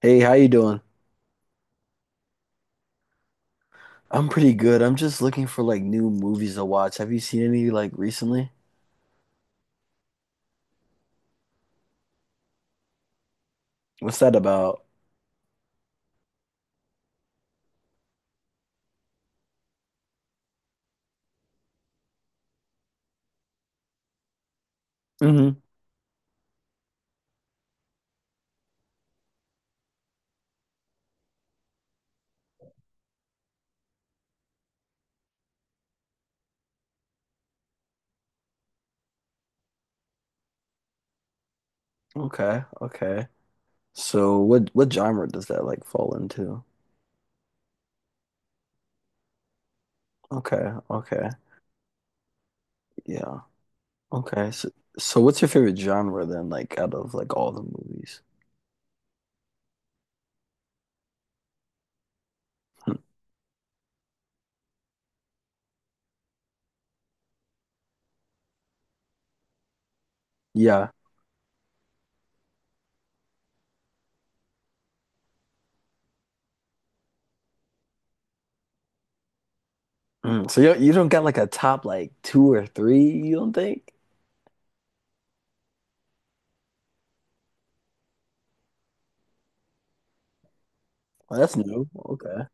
Hey, how you doing? I'm pretty good. I'm just looking for like new movies to watch. Have you seen any like recently? What's that about? hmm Okay, okay. So what genre does that like fall into? Okay, okay. Yeah. Okay. So what's your favorite genre then, like out of like all the movies? Hmm. Yeah. Mm. So you don't got like a top like two or three, you don't think? Well, that's new. Okay.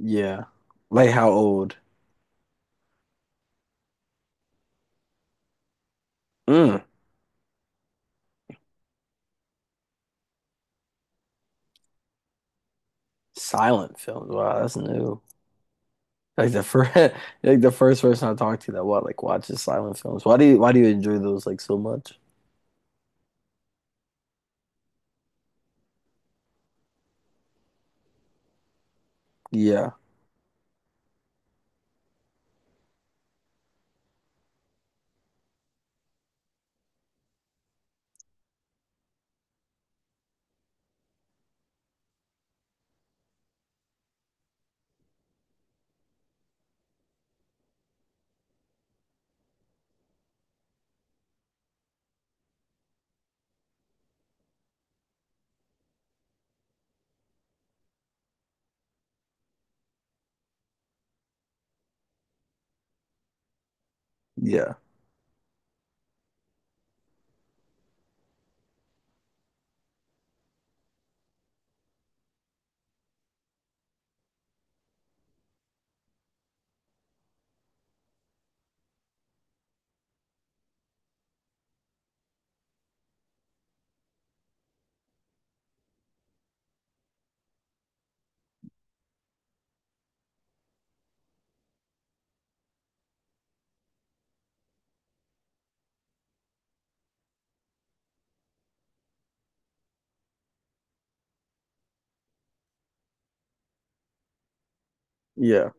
Yeah. Like how old? Mm. Silent films. Wow, that's new. Like the first, like the first person I talked to that what like watches silent films. Why do you enjoy those like so much? Yeah, yeah, yeah.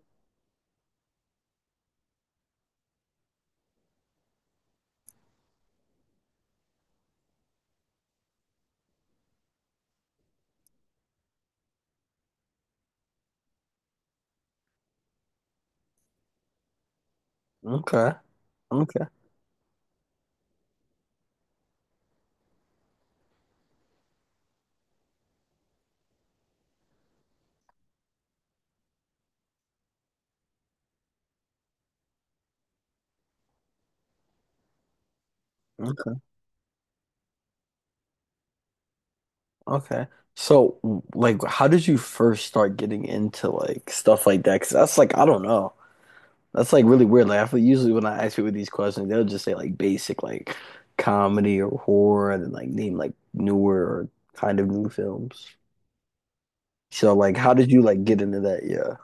Okay, okay, okay, okay. So like, how did you first start getting into like stuff like that? Because that's like I don't know. That's like really weird. Like I feel usually when I ask people these questions, they'll just say like basic like comedy or horror, and then like name like newer or kind of new films. So like, how did you like get into that? Yeah.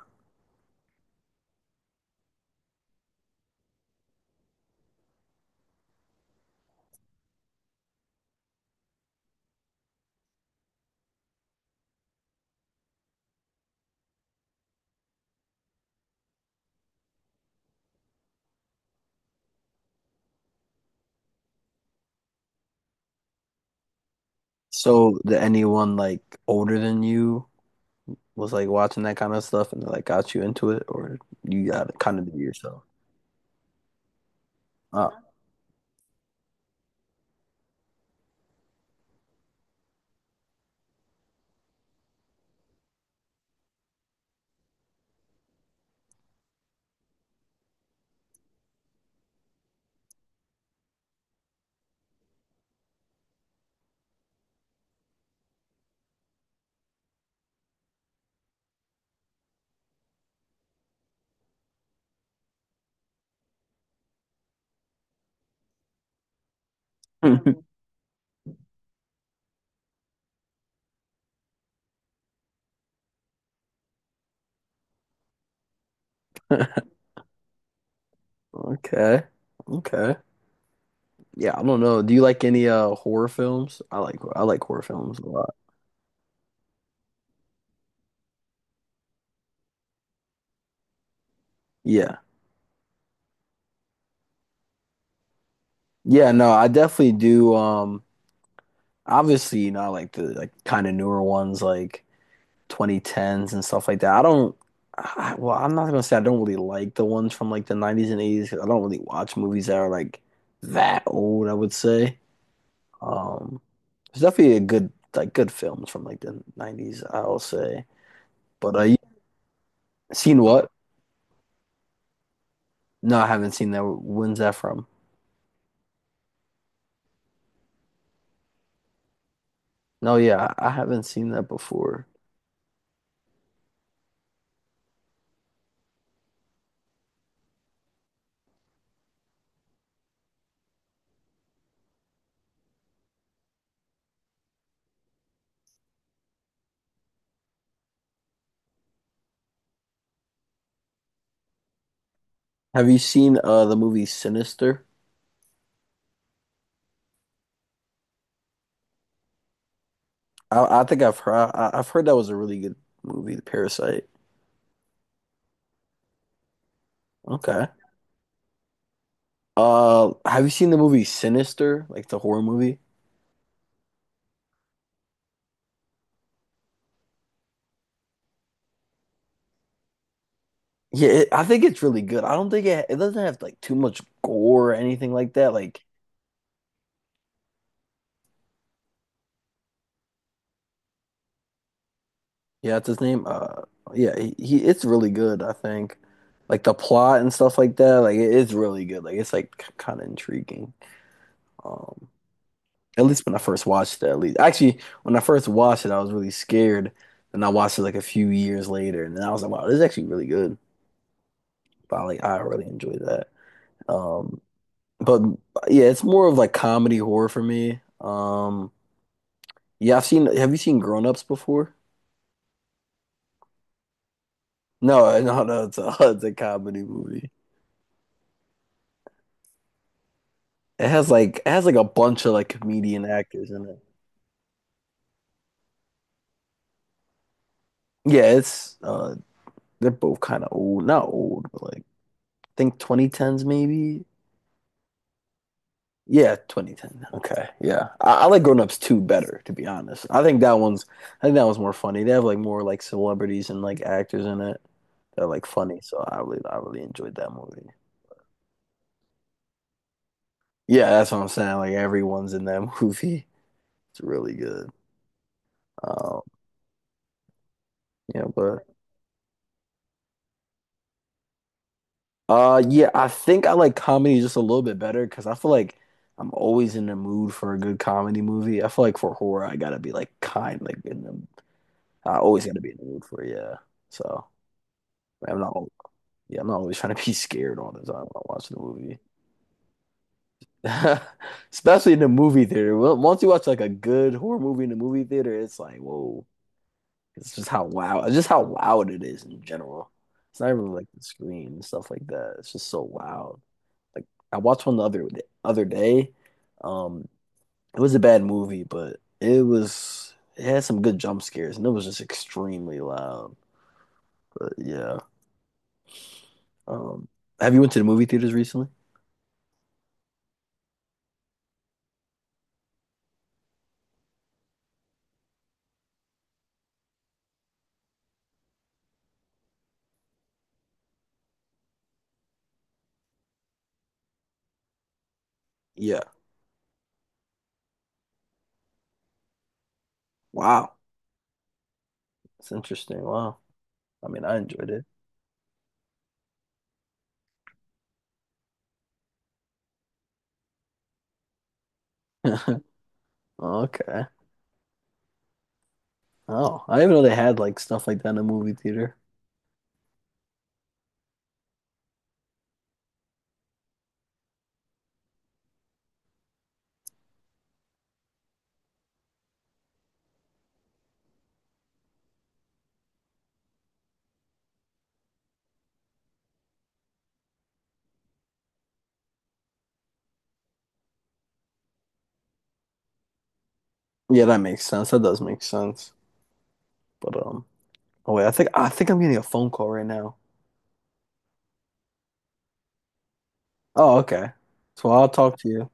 So that anyone like older than you was like watching that kind of stuff and like got you into it, or you got it kind of do it yourself? Oh. Okay. Okay. Yeah, I don't know. Do you like any horror films? I like horror films a lot. Yeah. Yeah, no, I definitely do. Obviously, you know, I like the like kind of newer ones like 2010s and stuff like that. I don't. I, well, I'm not gonna say I don't really like the ones from like the 90s and 80s 'cause I don't really watch movies that are like that old, I would say. Um, there's definitely a good like good films from like the 90s, I'll say. But you seen what? No, I haven't seen that. When's that from? No, yeah, I haven't seen that before. Have you seen the movie Sinister? I think I've heard that was a really good movie, The Parasite. Okay. Have you seen the movie Sinister? Like the horror movie? Yeah, it, I think it's really good. I don't think it doesn't have like too much gore or anything like that. Like, yeah, that's his name. Yeah, he it's really good. I think, like the plot and stuff like that. Like, it is really good. Like, it's like kind of intriguing. Um, at least when I first watched it. At least, actually, when I first watched it, I was really scared. And I watched it like a few years later, and then I was like, wow, this is actually really good. But like, I really enjoyed that. Um. But yeah, it's more of like comedy horror for me. Yeah, I've seen. Have you seen Grown Ups before? No, no, no. It's it's a comedy movie. It has like a bunch of like comedian actors in it. Yeah, it's they're both kind of old. Not old, but like I think 2010s maybe. Yeah, 2010. Okay, yeah. I like Grown Ups 2 better, to be honest. I think that one's more funny. They have like more like celebrities and like actors in it that are like funny, so I really enjoyed that movie. Yeah, that's what I'm saying. Like everyone's in that movie. It's really good. Um, yeah, but yeah, I think I like comedy just a little bit better because I feel like I'm always in the mood for a good comedy movie. I feel like for horror, I gotta be like in the, I always gotta be in the mood for it, yeah. So I'm not, al- yeah, I'm not always trying to be scared all the time when I'm watching a movie. Especially in the movie theater. Well, once you watch like a good horror movie in the movie theater, it's like, whoa. It's just how loud it is in general. It's not even like the screen and stuff like that. It's just so loud. Like I watched one the other day. Um, it was a bad movie, but it had some good jump scares and it was just extremely loud. But yeah. Um, have you went to the movie theaters recently? Yeah. Wow. It's interesting. Wow. I mean, I enjoyed it. Okay. Oh, I didn't know they had like stuff like that in a movie theater. Yeah, that makes sense. That does make sense. But oh wait, I think I'm getting a phone call right now. Oh, okay. So I'll talk to you.